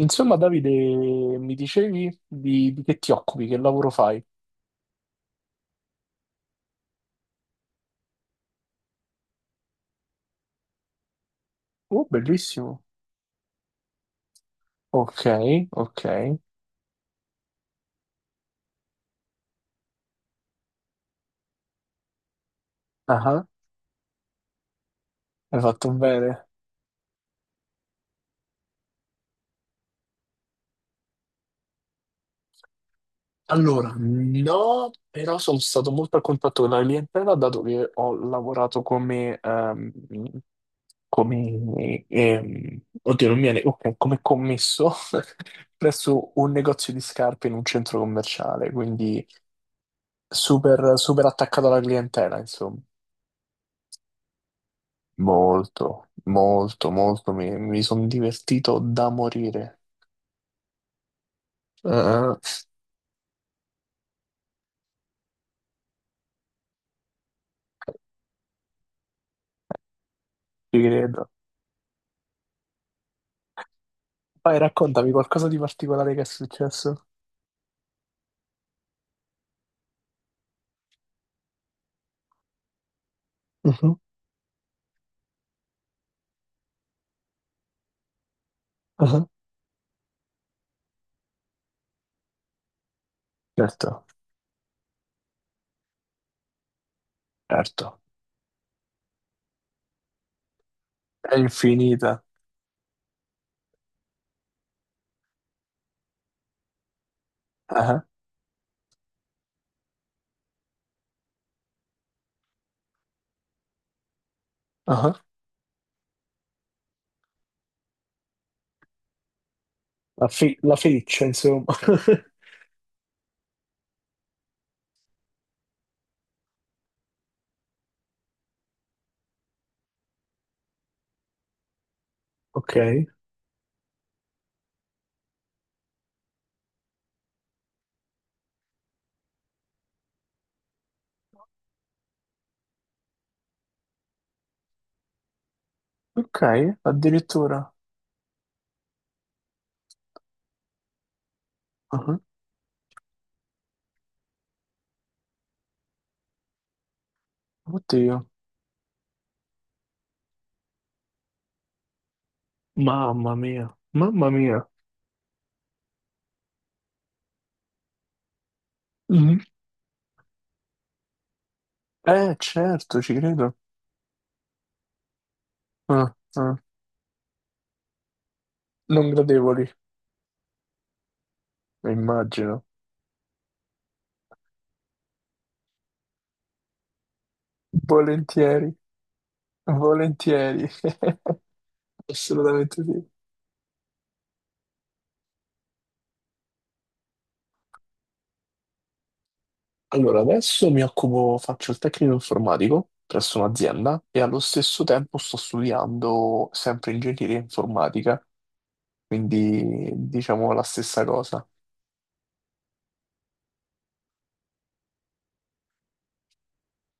Insomma, Davide, mi dicevi di che ti occupi, che lavoro fai? Oh, bellissimo. Ok, ok. Ah, hai fatto bene. Allora, no, però sono stato molto a contatto con la clientela, dato che ho lavorato come, come, oddio, non mi viene, ok, come commesso presso un negozio di scarpe in un centro commerciale, quindi super, super attaccato alla clientela, insomma. Molto, molto, molto. Mi sono divertito da morire. Eh, ci credo. Vai, raccontami qualcosa di particolare che è successo. Mhm, mhm. Certo, certo. È infinita. Ah, ah. La, la feccia, insomma. Ok, ok, addirittura. Ah, oddio. Mamma mia, mamma mia. Mhm. Certo, ci credo. Ah, ah. Non gradevoli, immagino. Volentieri. Volentieri, assolutamente sì. Allora, adesso mi occupo, faccio il tecnico informatico presso un'azienda e allo stesso tempo sto studiando sempre ingegneria informatica, quindi diciamo la stessa cosa.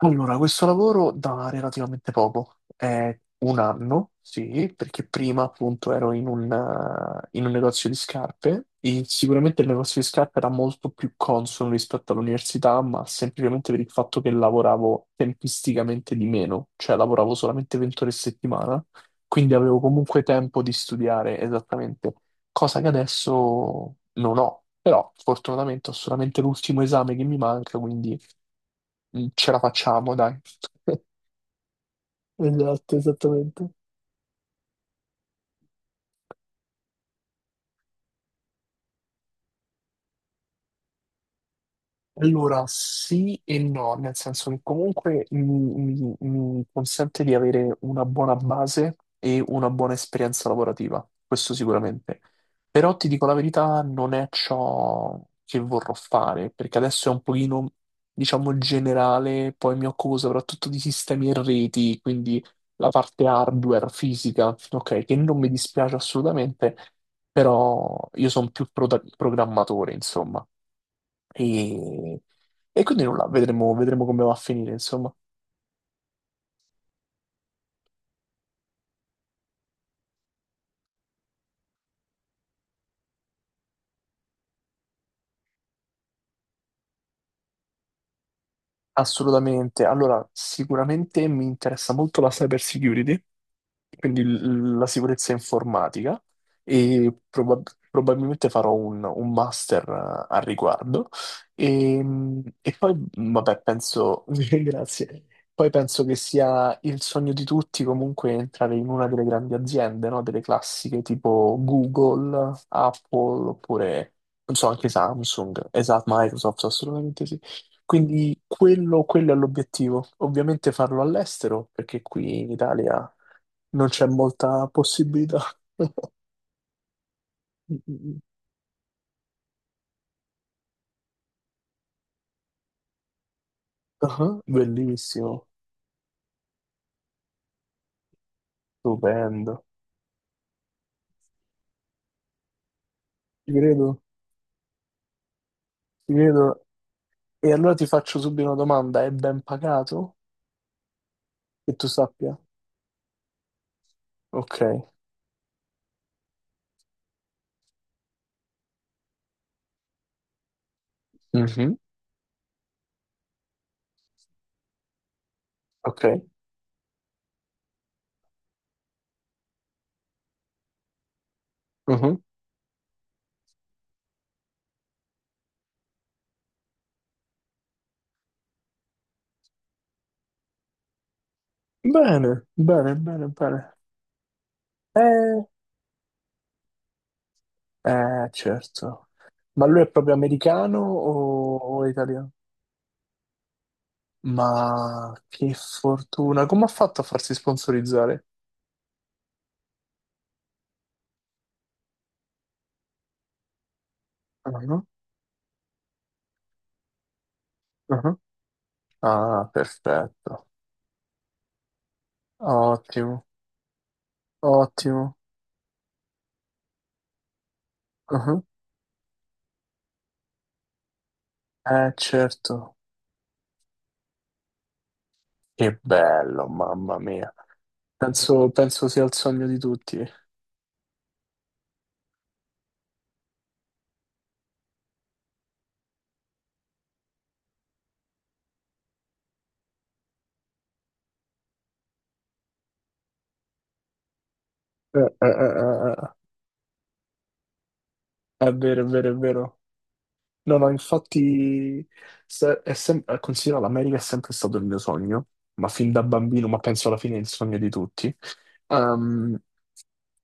Allora, questo lavoro da relativamente poco, è un anno, sì, perché prima appunto ero in un negozio di scarpe e sicuramente il negozio di scarpe era molto più consono rispetto all'università, ma semplicemente per il fatto che lavoravo tempisticamente di meno, cioè lavoravo solamente 20 ore a settimana, quindi avevo comunque tempo di studiare esattamente, cosa che adesso non ho, però fortunatamente ho solamente l'ultimo esame che mi manca, quindi ce la facciamo, dai. Esatto, esattamente. Allora, sì e no, nel senso che comunque mi, mi consente di avere una buona base e una buona esperienza lavorativa, questo sicuramente. Però ti dico la verità, non è ciò che vorrò fare, perché adesso è un pochino, diciamo, generale, poi mi occupo soprattutto di sistemi e reti, quindi la parte hardware, fisica, ok, che non mi dispiace assolutamente, però io sono più programmatore, insomma. E, e quindi nulla, vedremo, vedremo come va a finire, insomma. Assolutamente. Allora, sicuramente mi interessa molto la cyber security, quindi la sicurezza informatica, e probabilmente farò un master al riguardo. E, e poi, vabbè, penso, grazie. Poi penso che sia il sogno di tutti comunque entrare in una delle grandi aziende, no? Delle classiche tipo Google, Apple, oppure, non so, anche Samsung, esatto, Microsoft, assolutamente sì. Quindi quello è l'obiettivo. Ovviamente farlo all'estero, perché qui in Italia non c'è molta possibilità. Mm, mm, ah, bellissimo, stupendo. Ti credo, ti credo. E allora ti faccio subito una domanda: è ben pagato? Che tu sappia? Ok. Mhm. Ok. Mhm. Bene, bene, bene, bene. Eh, certo. Ma lui è proprio americano o italiano? Ma che fortuna! Come ha fatto a farsi sponsorizzare? Ah, ah. Ah, perfetto. Ottimo, ottimo. Ah, eh, certo. Che bello, mamma mia. Penso, penso sia il sogno di tutti. Eh. È vero, è vero, è vero. No, no, infatti, è considera l'America è sempre stato il mio sogno, ma fin da bambino, ma penso alla fine è il sogno di tutti. Ehm,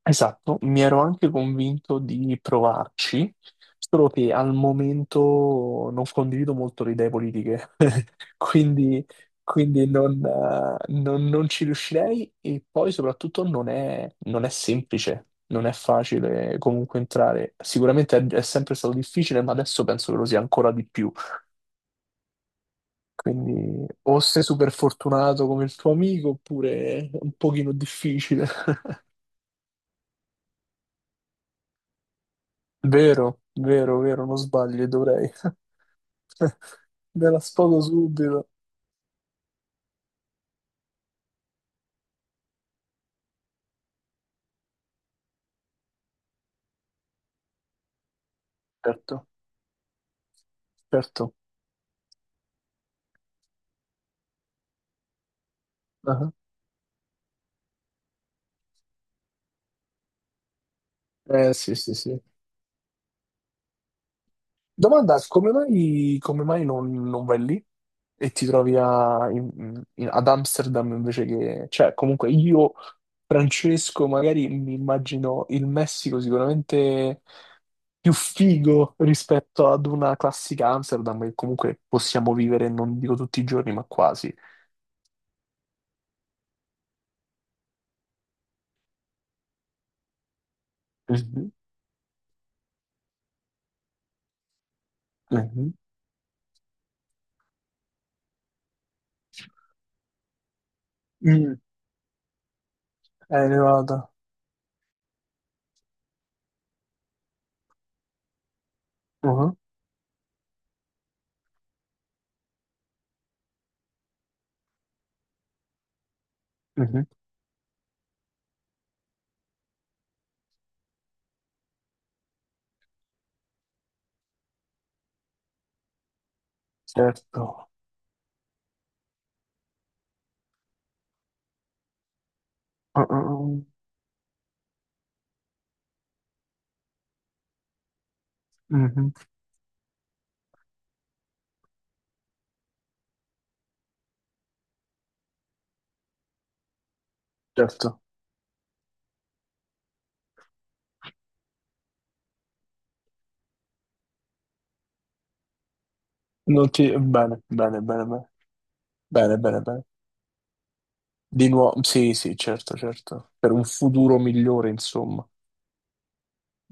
Esatto, mi ero anche convinto di provarci, solo che al momento non condivido molto le idee politiche, quindi, quindi non, non ci riuscirei e poi soprattutto non è, non è semplice, non è facile comunque entrare. Sicuramente è sempre stato difficile, ma adesso penso che lo sia ancora di più. Quindi o sei super fortunato come il tuo amico oppure è un pochino difficile. Vero, vero, vero, non sbagli, dovrei. Ve la sfogo subito. Certo. Certo. Ah, eh sì, sì, sì. Domanda, come mai non, non vai lì e ti trovi ad Amsterdam invece che... Cioè, comunque io, Francesco, magari mi immagino il Messico sicuramente più figo rispetto ad una classica Amsterdam che comunque possiamo vivere, non dico tutti i giorni, ma quasi. Mhm, mhm, mm. Nevada. Uh-huh. Certo. Ah, ah, ah. Mhm. Certo. Non ti... Bene, bene, bene, bene, bene, bene, bene. Di nuovo, sì, sì, certo, certo. Per un futuro migliore, insomma.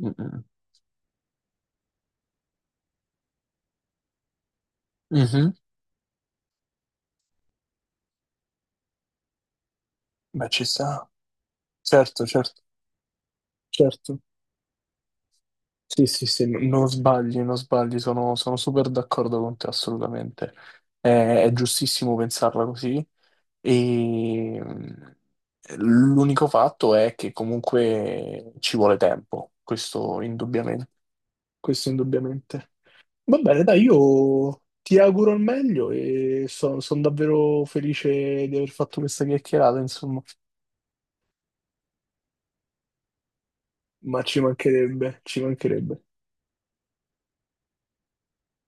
Mm, mm. Mhm. Beh, ci sta. Certo, certo, certo. Sì, sì, sì, non sbagli, non sbagli, sono, sono super d'accordo con te, assolutamente. È giustissimo pensarla così. E mm, l'unico fatto è che comunque ci vuole tempo, questo indubbiamente. Questo indubbiamente. Va bene, dai, io ti auguro il meglio e sono davvero felice di aver fatto questa chiacchierata, insomma, ma ci mancherebbe, ci mancherebbe.